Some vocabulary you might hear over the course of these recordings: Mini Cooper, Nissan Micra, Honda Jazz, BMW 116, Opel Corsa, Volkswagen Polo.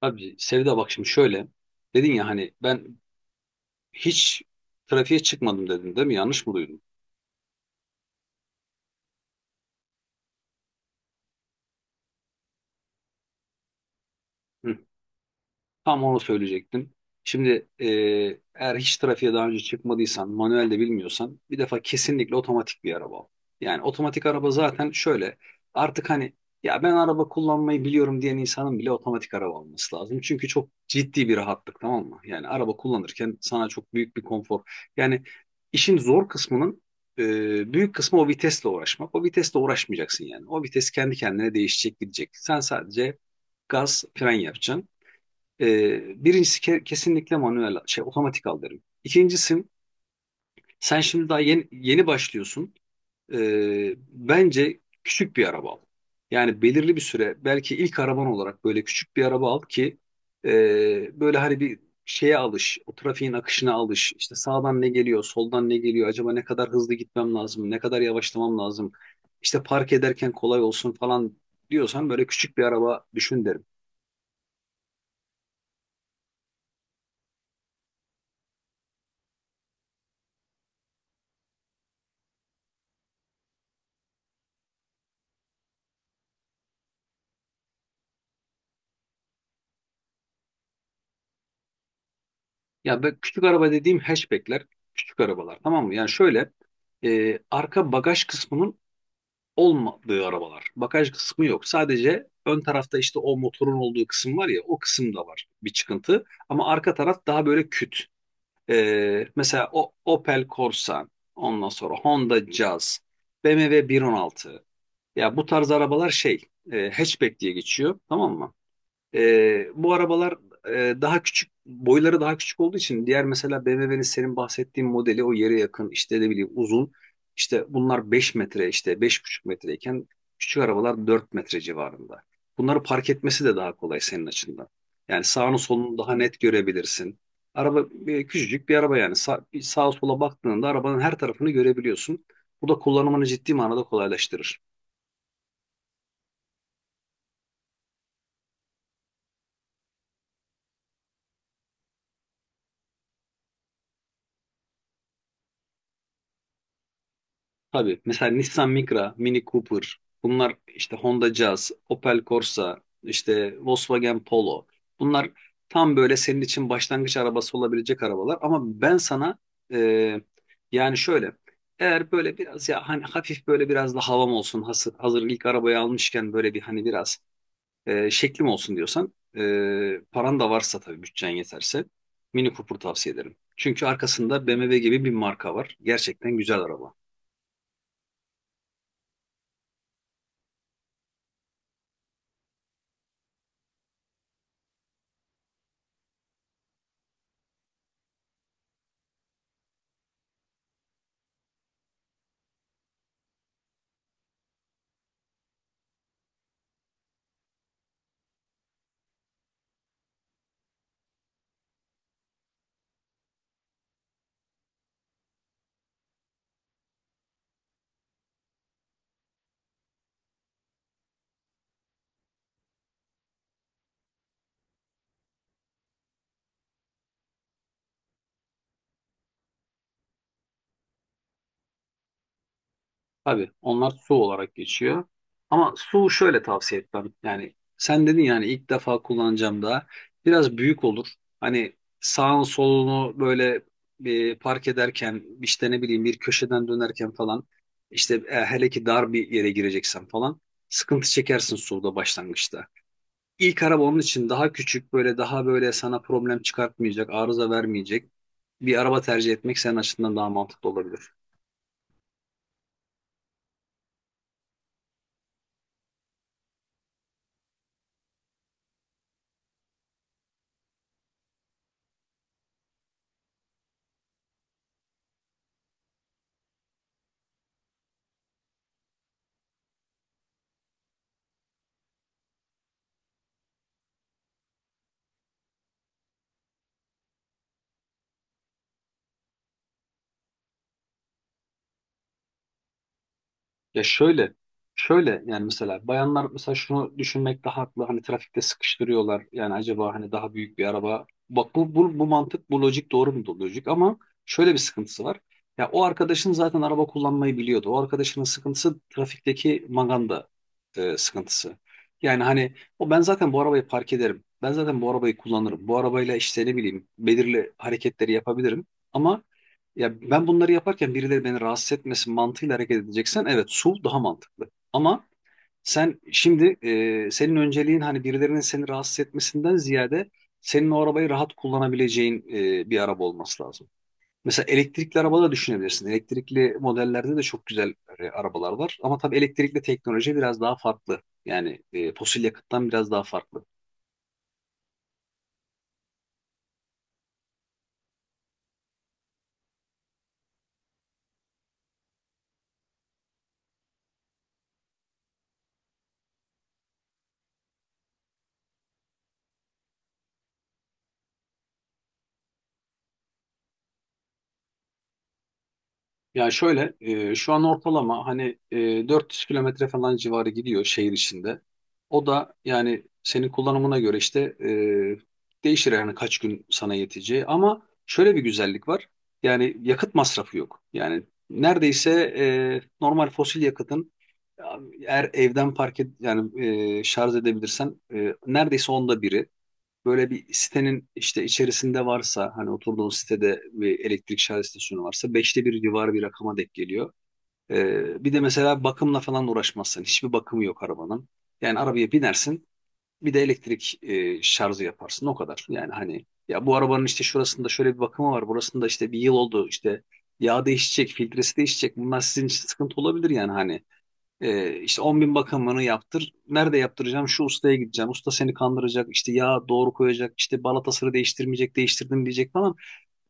Abi Sevda, bak şimdi şöyle. Dedin ya hani ben hiç trafiğe çıkmadım dedin değil mi? Yanlış mı duydum? Hı. Tam onu söyleyecektim. Şimdi eğer hiç trafiğe daha önce çıkmadıysan, manuel de bilmiyorsan bir defa kesinlikle otomatik bir araba al. Yani otomatik araba zaten şöyle artık hani, ya ben araba kullanmayı biliyorum diyen insanın bile otomatik araba alması lazım. Çünkü çok ciddi bir rahatlık, tamam mı? Yani araba kullanırken sana çok büyük bir konfor. Yani işin zor kısmının büyük kısmı o vitesle uğraşmak. O vitesle uğraşmayacaksın yani. O vites kendi kendine değişecek, gidecek. Sen sadece gaz, fren yapacaksın. Birincisi, kesinlikle manuel şey otomatik al derim. İkincisi, sen şimdi daha yeni başlıyorsun. Bence küçük bir araba al. Yani belirli bir süre belki ilk araban olarak böyle küçük bir araba al ki böyle hani bir şeye alış, o trafiğin akışına alış. İşte sağdan ne geliyor, soldan ne geliyor, acaba ne kadar hızlı gitmem lazım, ne kadar yavaşlamam lazım. İşte park ederken kolay olsun falan diyorsan böyle küçük bir araba düşün derim. Ya ben küçük araba dediğim hatchbackler, küçük arabalar, tamam mı? Yani şöyle arka bagaj kısmının olmadığı arabalar. Bagaj kısmı yok. Sadece ön tarafta işte o motorun olduğu kısım var ya, o kısımda var bir çıkıntı. Ama arka taraf daha böyle küt. Mesela o Opel Corsa, ondan sonra Honda Jazz, BMW 116. Ya bu tarz arabalar şey, hatchback diye geçiyor, tamam mı? Bu arabalar daha küçük, boyları daha küçük olduğu için; diğer, mesela BMW'nin senin bahsettiğin modeli o yere yakın, işte ne bileyim, uzun. İşte bunlar 5 metre, işte 5,5 metreyken küçük arabalar 4 metre civarında. Bunları park etmesi de daha kolay senin açından. Yani sağını solunu daha net görebilirsin. Araba, küçücük bir araba yani, bir sağa sola baktığında arabanın her tarafını görebiliyorsun. Bu da kullanımını ciddi manada kolaylaştırır. Tabii, mesela Nissan Micra, Mini Cooper, bunlar, işte Honda Jazz, Opel Corsa, işte Volkswagen Polo. Bunlar tam böyle senin için başlangıç arabası olabilecek arabalar ama ben sana e, yani şöyle, eğer böyle biraz, ya hani, hafif böyle biraz da havam olsun, hazır ilk arabayı almışken böyle bir, hani biraz şeklim olsun diyorsan, paran da varsa tabii, bütçen yeterse Mini Cooper tavsiye ederim. Çünkü arkasında BMW gibi bir marka var. Gerçekten güzel araba. Tabii, onlar su olarak geçiyor. Ama su şöyle, tavsiye etmem. Yani sen dedin yani ilk defa kullanacağım da, biraz büyük olur. Hani sağın solunu böyle, park ederken işte ne bileyim, bir köşeden dönerken falan, işte hele ki dar bir yere gireceksen falan, sıkıntı çekersin suda başlangıçta. İlk araba, onun için daha küçük, böyle daha böyle sana problem çıkartmayacak, arıza vermeyecek bir araba tercih etmek senin açısından daha mantıklı olabilir. Ya şöyle, yani mesela bayanlar, mesela şunu düşünmek daha haklı. Hani trafikte sıkıştırıyorlar. Yani acaba hani daha büyük bir araba. Bak, bu mantık, bu lojik doğru mu? Lojik, ama şöyle bir sıkıntısı var. Ya o arkadaşın zaten araba kullanmayı biliyordu. O arkadaşının sıkıntısı trafikteki maganda sıkıntısı. Yani hani, o, ben zaten bu arabayı park ederim. Ben zaten bu arabayı kullanırım. Bu arabayla, işte ne bileyim, belirli hareketleri yapabilirim. Ama ya ben bunları yaparken birileri beni rahatsız etmesin mantığıyla hareket edeceksen, evet, su daha mantıklı. Ama sen şimdi, senin önceliğin hani birilerinin seni rahatsız etmesinden ziyade, senin o arabayı rahat kullanabileceğin bir araba olması lazım. Mesela elektrikli araba da düşünebilirsin. Elektrikli modellerde de çok güzel arabalar var. Ama tabii elektrikli teknoloji biraz daha farklı. Yani fosil yakıttan biraz daha farklı. Ya şöyle, şu an ortalama hani 400 kilometre falan civarı gidiyor şehir içinde. O da yani senin kullanımına göre işte değişir yani, kaç gün sana yeteceği. Ama şöyle bir güzellik var. Yani yakıt masrafı yok. Yani neredeyse normal fosil yakıtın, eğer evden park et yani, şarj edebilirsen neredeyse onda biri, böyle bir sitenin işte içerisinde varsa, hani oturduğun sitede bir elektrik şarj istasyonu varsa, beşte bir civarı bir rakama denk geliyor. Bir de mesela bakımla falan uğraşmazsın. Hiçbir bakımı yok arabanın. Yani arabaya binersin, bir de elektrik şarjı yaparsın, o kadar. Yani hani, ya bu arabanın işte şurasında şöyle bir bakımı var. Burasında işte bir yıl oldu, işte yağ değişecek, filtresi değişecek. Bunlar sizin için sıkıntı olabilir yani hani. İşte 10 bin bakımını yaptır. Nerede yaptıracağım? Şu ustaya gideceğim. Usta seni kandıracak. İşte yağ doğru koyacak. İşte balatasını değiştirmeyecek. Değiştirdim diyecek falan.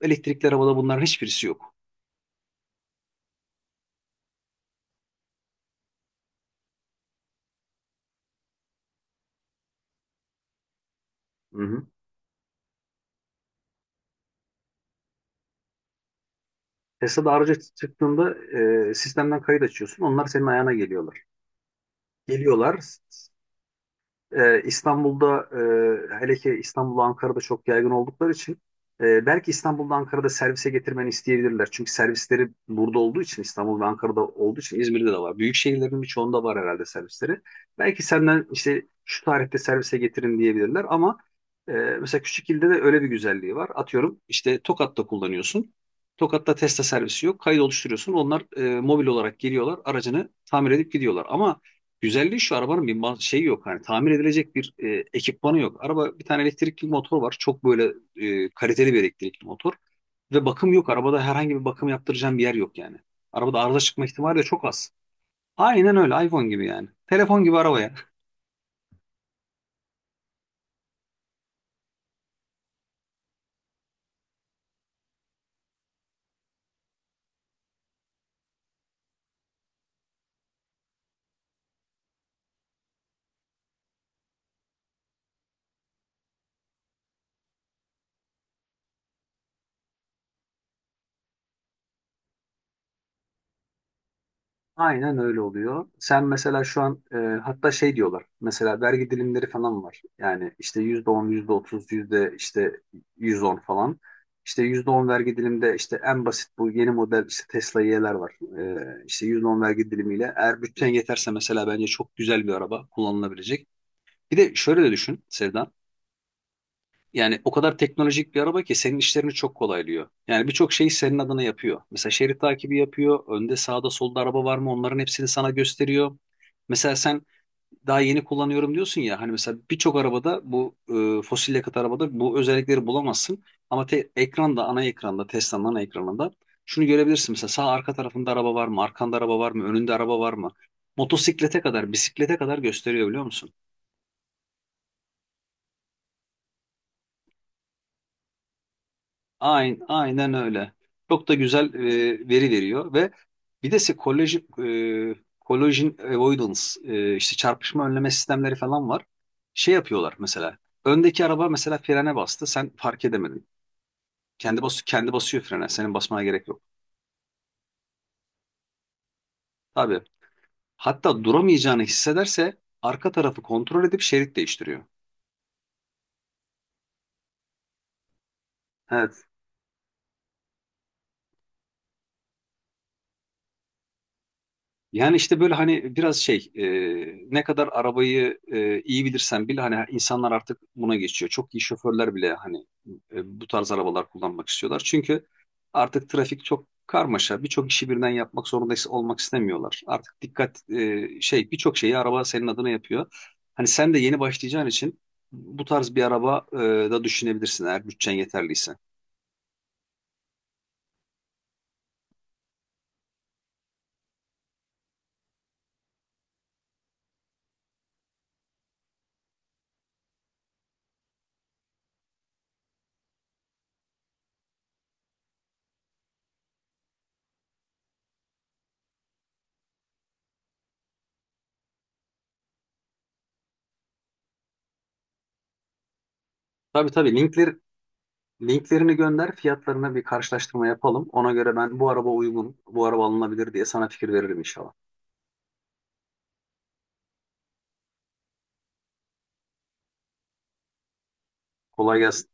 Elektrikli arabada bunların hiçbirisi yok. Hı hı. Tesla'da araca çıktığında, sistemden kayıt açıyorsun. Onlar senin ayağına geliyorlar. Geliyorlar. İstanbul'da, hele ki İstanbul'da, Ankara'da çok yaygın oldukları için, belki İstanbul'da, Ankara'da servise getirmeni isteyebilirler. Çünkü servisleri burada olduğu için, İstanbul ve Ankara'da olduğu için, İzmir'de de var. Büyük şehirlerin birçoğunda var herhalde servisleri. Belki senden işte şu tarihte servise getirin diyebilirler, ama mesela küçük ilde de öyle bir güzelliği var. Atıyorum, işte Tokat'ta kullanıyorsun. Tokat'ta Tesla servisi yok. Kayıt oluşturuyorsun. Onlar mobil olarak geliyorlar. Aracını tamir edip gidiyorlar. Ama güzelliği şu: arabanın bir şeyi yok. Hani tamir edilecek bir ekipmanı yok. Araba, bir tane elektrikli motor var. Çok böyle kaliteli bir elektrikli motor. Ve bakım yok. Arabada herhangi bir bakım yaptıracağım bir yer yok yani. Arabada arıza çıkma ihtimali de çok az. Aynen öyle. iPhone gibi yani. Telefon gibi arabaya. Aynen öyle oluyor. Sen mesela şu an hatta şey diyorlar. Mesela vergi dilimleri falan var. Yani işte %10, yüzde otuz, yüzde işte 110 falan. İşte %10 vergi dilimde, işte en basit bu yeni model, işte Tesla Y'ler var. İşte yüzde on vergi dilimiyle, eğer bütçen yeterse, mesela bence çok güzel bir araba kullanılabilecek. Bir de şöyle de düşün Sevda. Yani o kadar teknolojik bir araba ki senin işlerini çok kolaylıyor. Yani birçok şeyi senin adına yapıyor. Mesela şerit takibi yapıyor. Önde, sağda, solda araba var mı, onların hepsini sana gösteriyor. Mesela sen daha yeni kullanıyorum diyorsun ya, hani mesela birçok arabada bu, fosil yakıt arabada bu özellikleri bulamazsın. Ama ekranda, ana ekranda, Tesla'nın ana ekranında şunu görebilirsin: mesela sağ arka tarafında araba var mı? Arkanda araba var mı? Önünde araba var mı? Motosiklete kadar, bisiklete kadar gösteriyor, biliyor musun? Aynen, aynen öyle. Çok da güzel veri veriyor ve bir de size e, collision avoidance, işte çarpışma önleme sistemleri falan var. Şey yapıyorlar mesela. Öndeki araba mesela frene bastı. Sen fark edemedin. Kendi basıyor frene. Senin basmana gerek yok. Tabii. Hatta duramayacağını hissederse arka tarafı kontrol edip şerit değiştiriyor. Evet. Yani işte böyle hani biraz şey, ne kadar arabayı iyi bilirsen bil, hani insanlar artık buna geçiyor. Çok iyi şoförler bile hani bu tarz arabalar kullanmak istiyorlar. Çünkü artık trafik çok karmaşa. Birçok işi birden yapmak zorunda olmak istemiyorlar. Artık dikkat, şey, birçok şeyi araba senin adına yapıyor. Hani sen de yeni başlayacağın için bu tarz bir araba, da düşünebilirsin, eğer bütçen yeterliyse. Tabii tabii, linklerini gönder, fiyatlarına bir karşılaştırma yapalım. Ona göre ben bu araba uygun, bu araba alınabilir diye sana fikir veririm inşallah. Kolay gelsin.